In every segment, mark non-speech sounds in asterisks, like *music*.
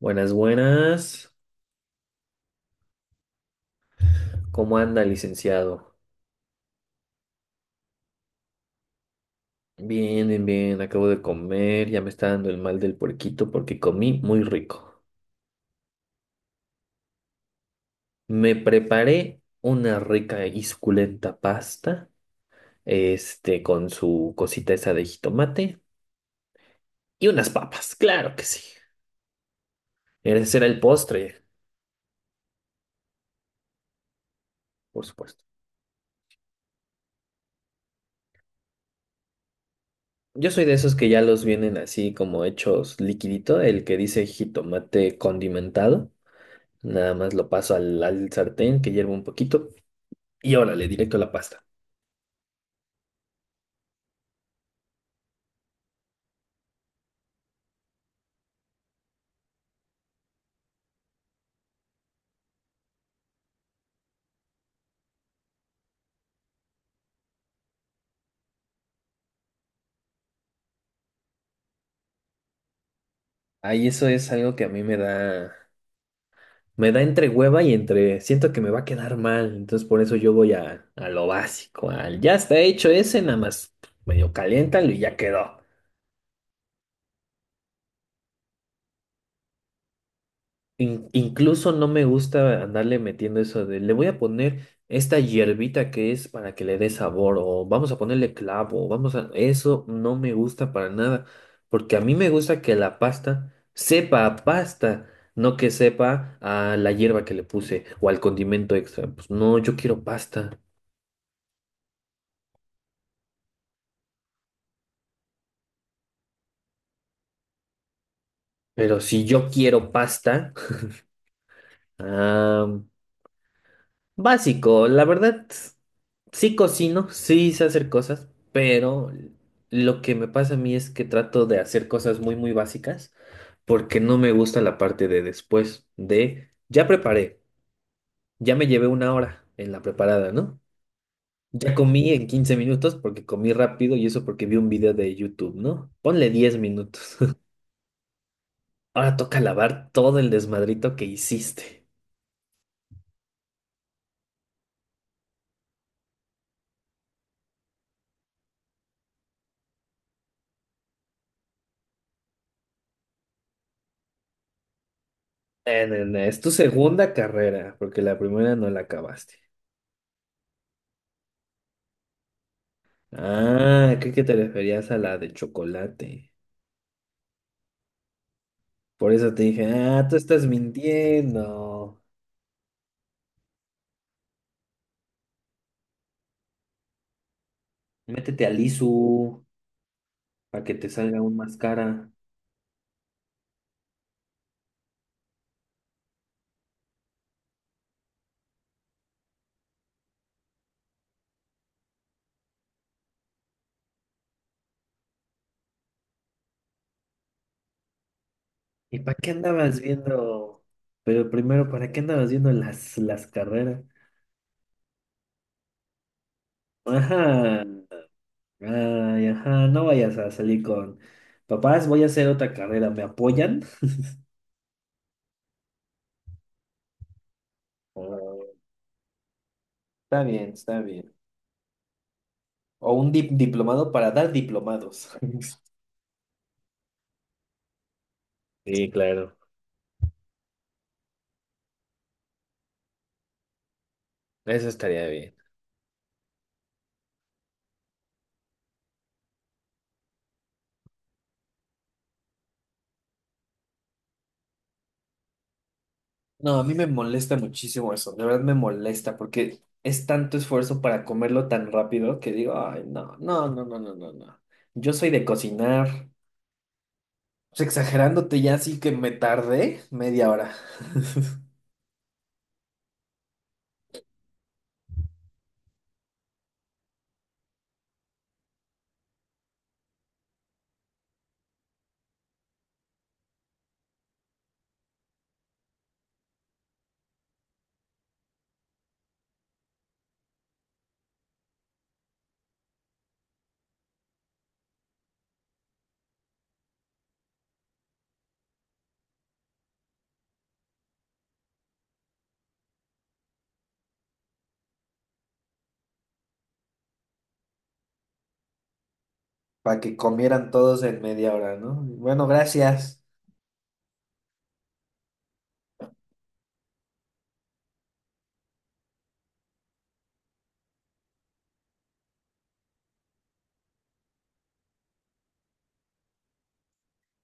Buenas, buenas. ¿Cómo anda, licenciado? Bien, bien, bien. Acabo de comer. Ya me está dando el mal del puerquito porque comí muy rico. Me preparé una rica y suculenta pasta, con su cosita esa de jitomate y unas papas. Claro que sí. Ese era el postre, por supuesto. Yo soy de esos que ya los vienen así como hechos liquidito, el que dice jitomate condimentado. Nada más lo paso al sartén que hierva un poquito y órale, directo a la pasta. Ahí eso es algo que a mí me da entre hueva y entre, siento que me va a quedar mal, entonces por eso yo voy a lo básico, al ya está hecho ese, nada más medio caliéntalo y ya quedó. Incluso no me gusta andarle metiendo eso de le voy a poner esta hierbita que es para que le dé sabor o vamos a ponerle clavo, o vamos a... Eso no me gusta para nada, porque a mí me gusta que la pasta sepa a pasta, no que sepa a la hierba que le puse o al condimento extra. Pues no, yo quiero pasta, pero si yo quiero pasta, *laughs* ah, básico, la verdad. Sí cocino, sí sé hacer cosas, pero lo que me pasa a mí es que trato de hacer cosas muy básicas porque no me gusta la parte de después, de ya preparé, ya me llevé 1 hora en la preparada, ¿no? Ya comí en 15 minutos porque comí rápido, y eso porque vi un video de YouTube, ¿no? Ponle 10 minutos. *laughs* Ahora toca lavar todo el desmadrito que hiciste. No, no, Es tu segunda carrera porque la primera no la acabaste. Ah, creo que te referías a la de chocolate. Por eso te dije, ah, tú estás mintiendo. Métete al ISU para que te salga aún más cara. ¿Y para qué andabas viendo? Pero primero, ¿para qué andabas viendo las carreras? Ajá, ay, ajá, no vayas a salir con papás, voy a hacer otra carrera, ¿me apoyan? Ah, está bien, está bien. O un diplomado para dar diplomados. *laughs* Sí, claro, eso estaría bien. No, a mí me molesta muchísimo eso, de verdad me molesta porque es tanto esfuerzo para comerlo tan rápido que digo, ay, no, no, no, no, no, no, no. Yo soy de cocinar. Pues exagerándote ya sí que me tardé 1/2 hora *laughs* para que comieran todos en 1/2 hora, ¿no? Bueno, gracias.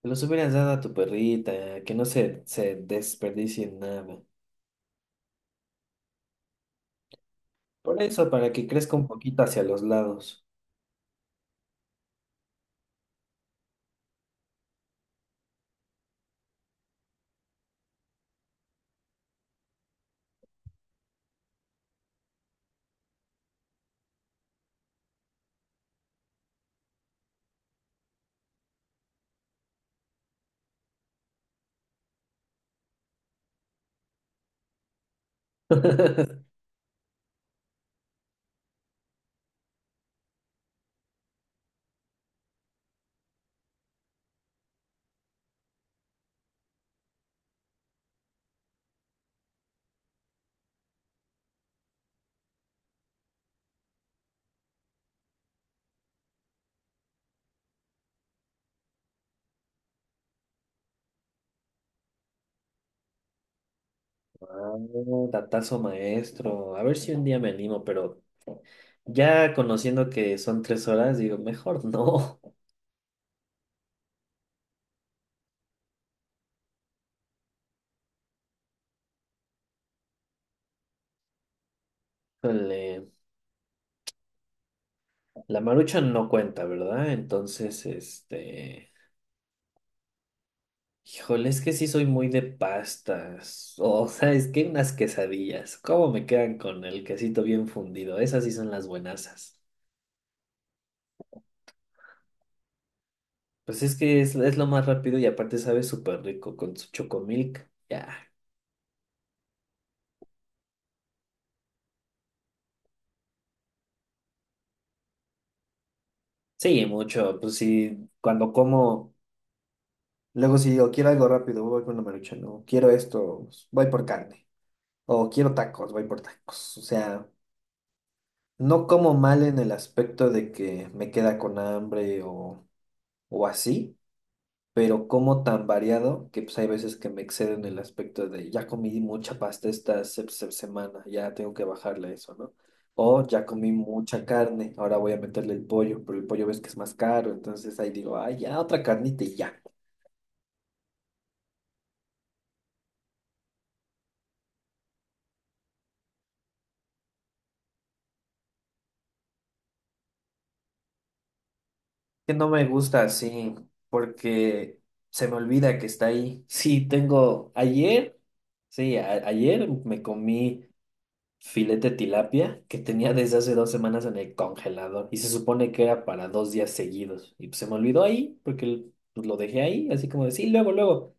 Te los hubieras dado a tu perrita, que no se desperdicie en nada. Por eso, para que crezca un poquito hacia los lados. *laughs* Ah, datazo maestro. A ver si un día me animo, pero... Ya conociendo que son 3 horas, digo, mejor no. *laughs* Híjole, la marucha no cuenta, ¿verdad? Entonces, este, híjole, es que sí soy muy de pastas. O sea, es que unas quesadillas, ¿cómo me quedan con el quesito bien fundido? Esas sí son las buenasas. Pues es que es lo más rápido y aparte sabe súper rico con su chocomilk. Ya. Sí, mucho. Pues sí, cuando como, luego si digo, quiero algo rápido, voy con la marucha, no. Quiero esto, voy por carne. O quiero tacos, voy por tacos. O sea, no como mal en el aspecto de que me queda con hambre, o así, pero como tan variado que pues hay veces que me excedo en el aspecto de ya comí mucha pasta esta semana, ya tengo que bajarle a eso, ¿no? O ya comí mucha carne, ahora voy a meterle el pollo, pero el pollo ves que es más caro, entonces ahí digo, ay, ya otra carnita y ya. Que no me gusta así, porque se me olvida que está ahí. *laughs* Sí, tengo ayer, sí, ayer me comí filete de tilapia que tenía desde hace 2 semanas en el congelador y se supone que era para 2 días seguidos. Y pues se me olvidó ahí porque pues lo dejé ahí, así como decir, luego, luego.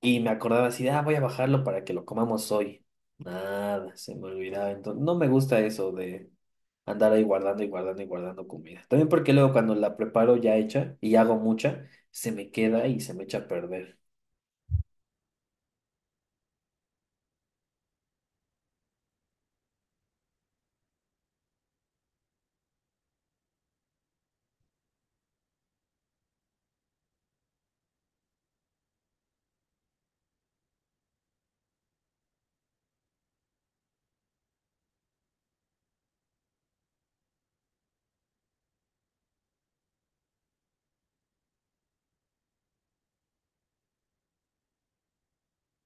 Y me acordaba así, de, ah, voy a bajarlo para que lo comamos hoy. Nada, se me olvidaba. Entonces, no me gusta eso de andar ahí guardando y guardando y guardando comida. También porque luego cuando la preparo ya hecha y hago mucha, se me queda y se me echa a perder.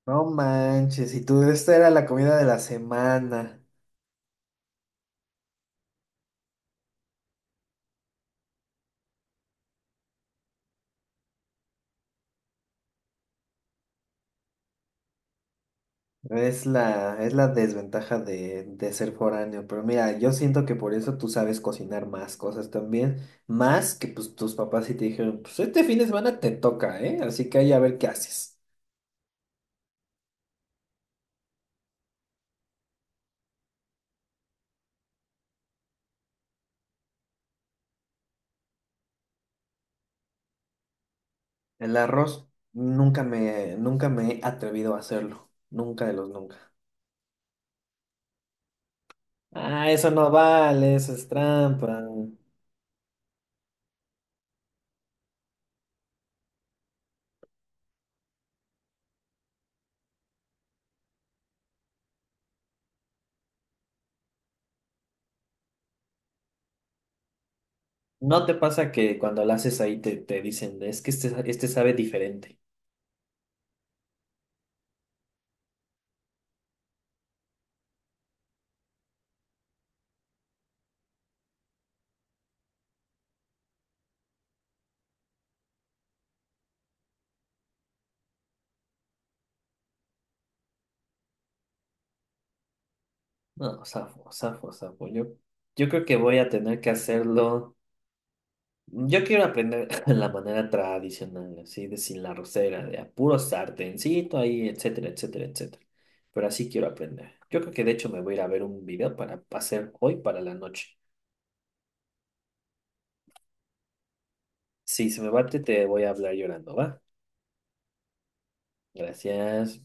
No manches, y tú, esta era la comida de la semana. Es la desventaja de ser foráneo, pero mira, yo siento que por eso tú sabes cocinar más cosas también, más que pues tus papás sí te dijeron, pues este fin de semana te toca, ¿eh? Así que ahí a ver qué haces. El arroz nunca me he atrevido a hacerlo, nunca de los nunca. Ah, eso no vale, eso es trampa. ¿No te pasa que cuando lo haces ahí te dicen, es que este sabe diferente? No, zafo, zafo, zafo. Yo creo que voy a tener que hacerlo. Yo quiero aprender *laughs* la manera tradicional, así de sin la rosera, de a puro sartencito ahí, etcétera, etcétera, etcétera. Pero así quiero aprender. Yo creo que de hecho me voy a ir a ver un video para hacer hoy para la noche. Si se me bate, te voy a hablar llorando, ¿va? Gracias.